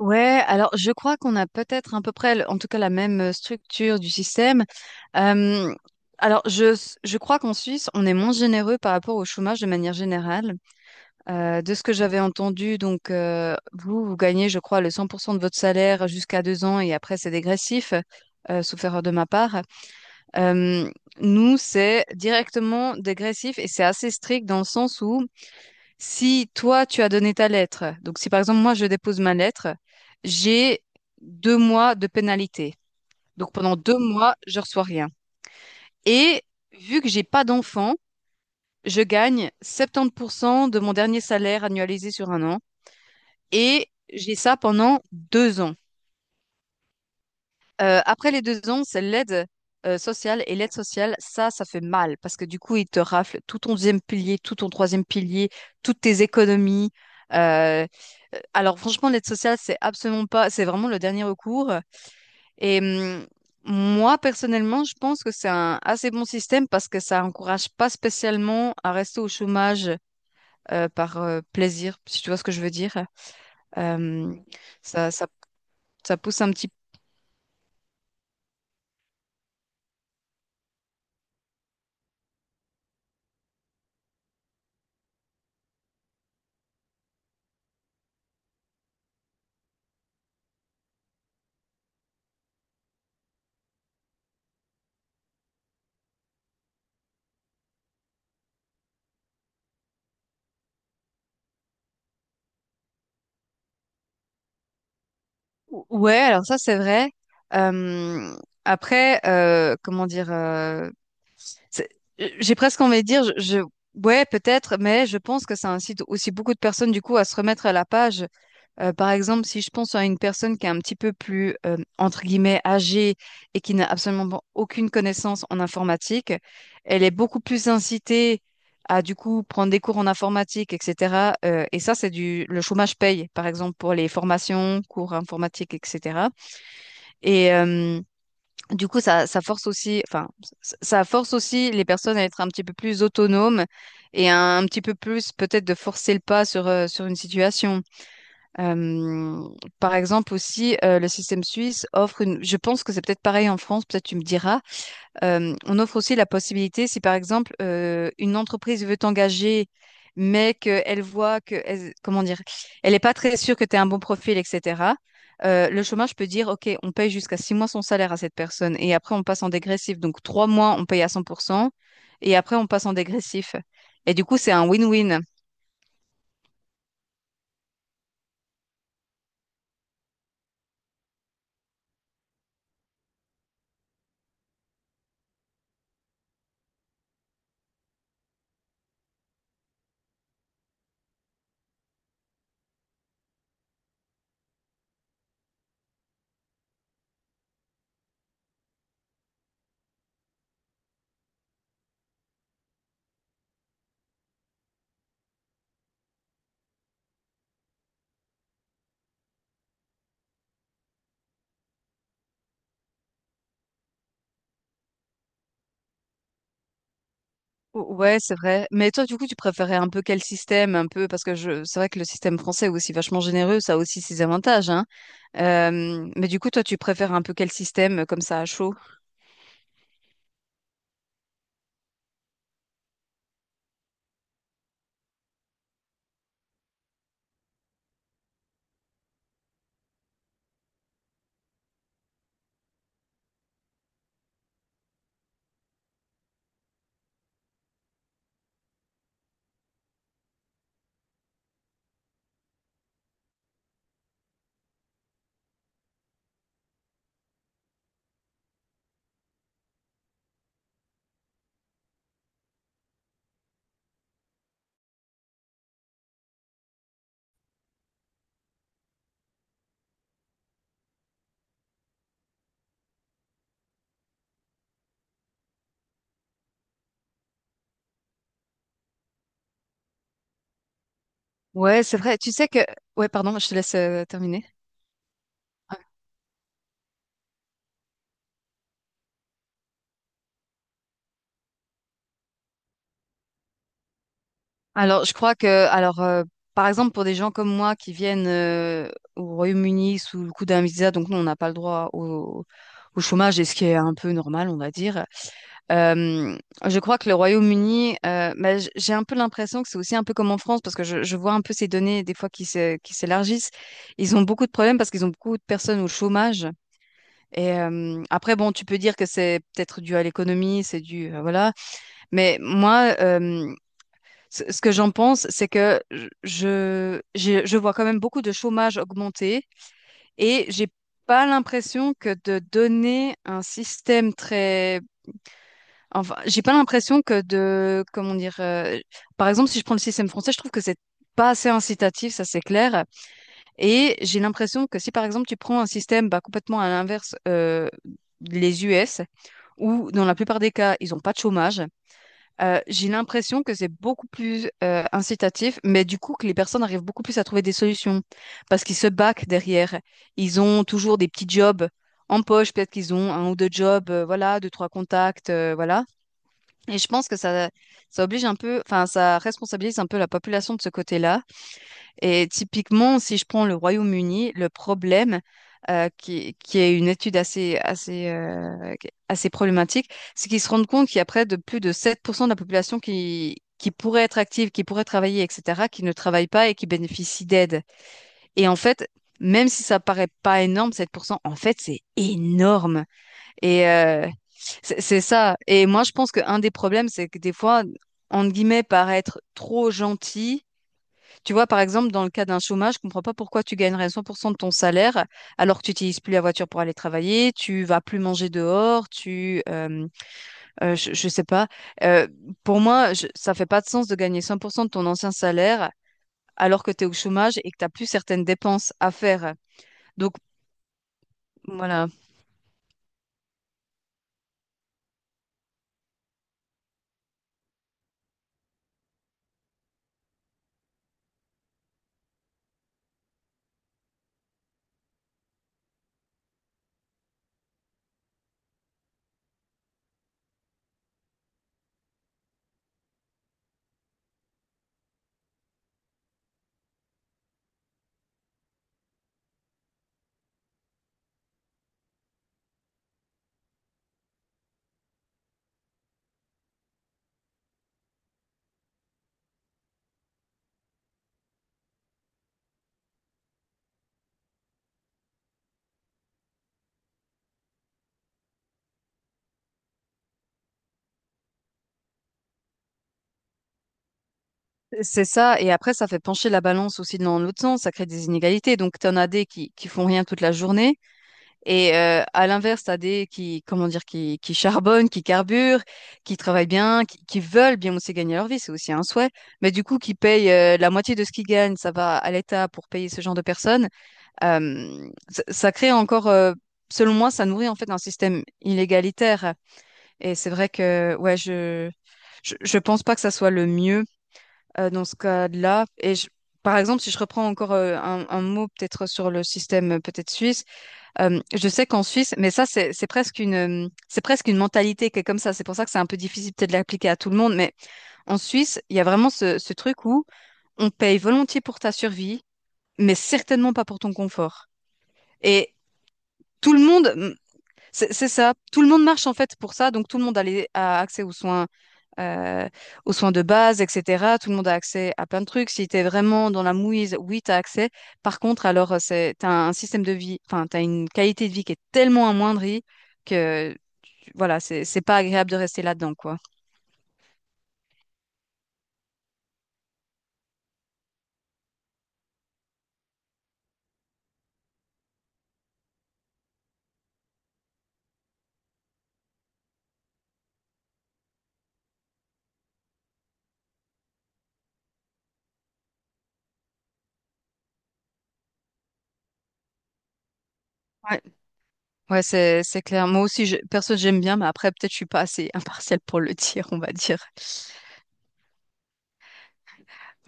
Ouais, alors je crois qu'on a peut-être à peu près, en tout cas, la même structure du système. Euh, alors, je crois qu'en Suisse, on est moins généreux par rapport au chômage de manière générale. De ce que j'avais entendu, donc vous gagnez, je crois, le 100% de votre salaire jusqu'à 2 ans et après c'est dégressif, sauf erreur de ma part. Euh, Nous, c'est directement dégressif et c'est assez strict dans le sens où si toi, tu as donné ta lettre, donc si par exemple moi, je dépose ma lettre, j'ai 2 mois de pénalité. Donc pendant 2 mois, je reçois rien. Et vu que j'ai pas d'enfant, je gagne 70% de mon dernier salaire annualisé sur un an et j'ai ça pendant 2 ans. Après les 2 ans, c'est l'aide sociale. Et l'aide sociale, ça fait mal parce que du coup, ils te raflent tout ton deuxième pilier, tout ton troisième pilier, toutes tes économies. Euh, alors franchement, l'aide sociale, c'est absolument pas, c'est vraiment le dernier recours. Et moi, personnellement, je pense que c'est un assez bon système parce que ça encourage pas spécialement à rester au chômage par plaisir, si tu vois ce que je veux dire. Euh, ça, ça, Ça pousse un petit. Ouais, alors ça c'est vrai. Euh, après, comment dire, c'est- j'ai presque envie de dire, ouais peut-être, mais je pense que ça incite aussi beaucoup de personnes du coup à se remettre à la page. Par exemple, si je pense à une personne qui est un petit peu plus entre guillemets âgée et qui n'a absolument pas- aucune connaissance en informatique, elle est beaucoup plus incitée à du coup prendre des cours en informatique, etc. Et ça c'est du le chômage paye par exemple pour les formations, cours informatiques, etc. Et du coup, ça force aussi, enfin, ça force aussi les personnes à être un petit peu plus autonomes et un petit peu plus peut-être de forcer le pas sur, sur une situation. Euh, Par exemple aussi, le système suisse offre une, je pense que c'est peut-être pareil en France, peut-être tu me diras, on offre aussi la possibilité, si par exemple une entreprise veut t'engager, mais qu'elle voit que, comment dire, elle n'est pas très sûre que tu as un bon profil, etc. Le chômage peut dire, OK, on paye jusqu'à 6 mois son salaire à cette personne et après on passe en dégressif. Donc 3 mois, on paye à 100% et après on passe en dégressif. Et du coup, c'est un win-win. Ouais, c'est vrai. Mais toi, du coup, tu préférais un peu quel système, un peu, parce que c'est vrai que le système français est aussi vachement généreux, ça a aussi ses avantages, hein. Mais du coup, toi, tu préfères un peu quel système, comme ça, à chaud? Ouais, c'est vrai. Tu sais que, ouais, pardon, je te laisse terminer. Alors, je crois que, alors, par exemple, pour des gens comme moi qui viennent au Royaume-Uni sous le coup d'un visa, donc nous, on n'a pas le droit au chômage, et ce qui est un peu normal, on va dire. Euh, je crois que le Royaume-Uni, j'ai un peu l'impression que c'est aussi un peu comme en France, parce que je vois un peu ces données des fois qui s'élargissent. Ils ont beaucoup de problèmes parce qu'ils ont beaucoup de personnes au chômage. Et après, bon, tu peux dire que c'est peut-être dû à l'économie, c'est dû, voilà. Mais moi, ce que j'en pense, c'est que je vois quand même beaucoup de chômage augmenter et j'ai pas l'impression que de donner un système très... Enfin, j'ai pas l'impression que de... Comment dire... Par exemple, si je prends le système français, je trouve que c'est pas assez incitatif, ça c'est clair. Et j'ai l'impression que si par exemple tu prends un système bah, complètement à l'inverse, les US, où dans la plupart des cas, ils ont pas de chômage, j'ai l'impression que c'est beaucoup plus incitatif, mais du coup que les personnes arrivent beaucoup plus à trouver des solutions parce qu'ils se baquent derrière. Ils ont toujours des petits jobs en poche, peut-être qu'ils ont un ou deux jobs, voilà, deux, trois contacts, voilà. Et je pense que ça oblige un peu, enfin, ça responsabilise un peu la population de ce côté-là. Et typiquement, si je prends le Royaume-Uni, le problème, qui est une étude assez problématique, c'est qu'ils se rendent compte qu'il y a près de plus de 7% de la population qui pourrait être active, qui pourrait travailler, etc., qui ne travaille pas et qui bénéficie d'aide. Et en fait, même si ça paraît pas énorme, 7%, en fait, c'est énorme. Et c'est ça. Et moi, je pense qu'un des problèmes, c'est que des fois, entre guillemets, paraître trop gentil tu vois, par exemple, dans le cas d'un chômage, je comprends pas pourquoi tu gagnerais 100% de ton salaire alors que tu n'utilises plus la voiture pour aller travailler, tu vas plus manger dehors, je sais pas. Euh, pour moi, ça fait pas de sens de gagner 100% de ton ancien salaire alors que tu es au chômage et que t'as plus certaines dépenses à faire. Donc voilà, c'est ça. Et après, ça fait pencher la balance aussi dans l'autre sens, ça crée des inégalités. Donc, tu en as des qui font rien toute la journée. Et à l'inverse, t'as des qui, comment dire, qui charbonnent, qui carburent, qui travaillent bien, qui veulent bien aussi gagner leur vie, c'est aussi un souhait. Mais du coup, qui payent la moitié de ce qu'ils gagnent, ça va à l'État pour payer ce genre de personnes. Ça crée encore, selon moi, ça nourrit en fait un système inégalitaire. Et c'est vrai que, ouais, je pense pas que ça soit le mieux dans ce cas-là. Et par exemple, si je reprends encore un mot peut-être sur le système peut-être suisse. Je sais qu'en Suisse, mais ça, c'est presque une mentalité qui est comme ça. C'est pour ça que c'est un peu difficile peut-être de l'appliquer à tout le monde. Mais en Suisse, il y a vraiment ce truc où on paye volontiers pour ta survie, mais certainement pas pour ton confort. Et tout le monde, c'est ça. Tout le monde marche en fait pour ça, donc tout le monde a accès euh, aux soins de base, etc. Tout le monde a accès à plein de trucs. Si tu es vraiment dans la mouise, oui, tu as accès. Par contre, alors, t'as un système de vie, enfin, tu as une qualité de vie qui est tellement amoindrie que, voilà, c'est pas agréable de rester là-dedans, quoi. Ouais. Ouais, c'est clair. Moi aussi, perso, j'aime bien, mais après, peut-être je suis pas assez impartiale pour le dire, on va dire.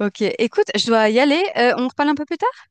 Ok, écoute, je dois y aller. On reparle un peu plus tard?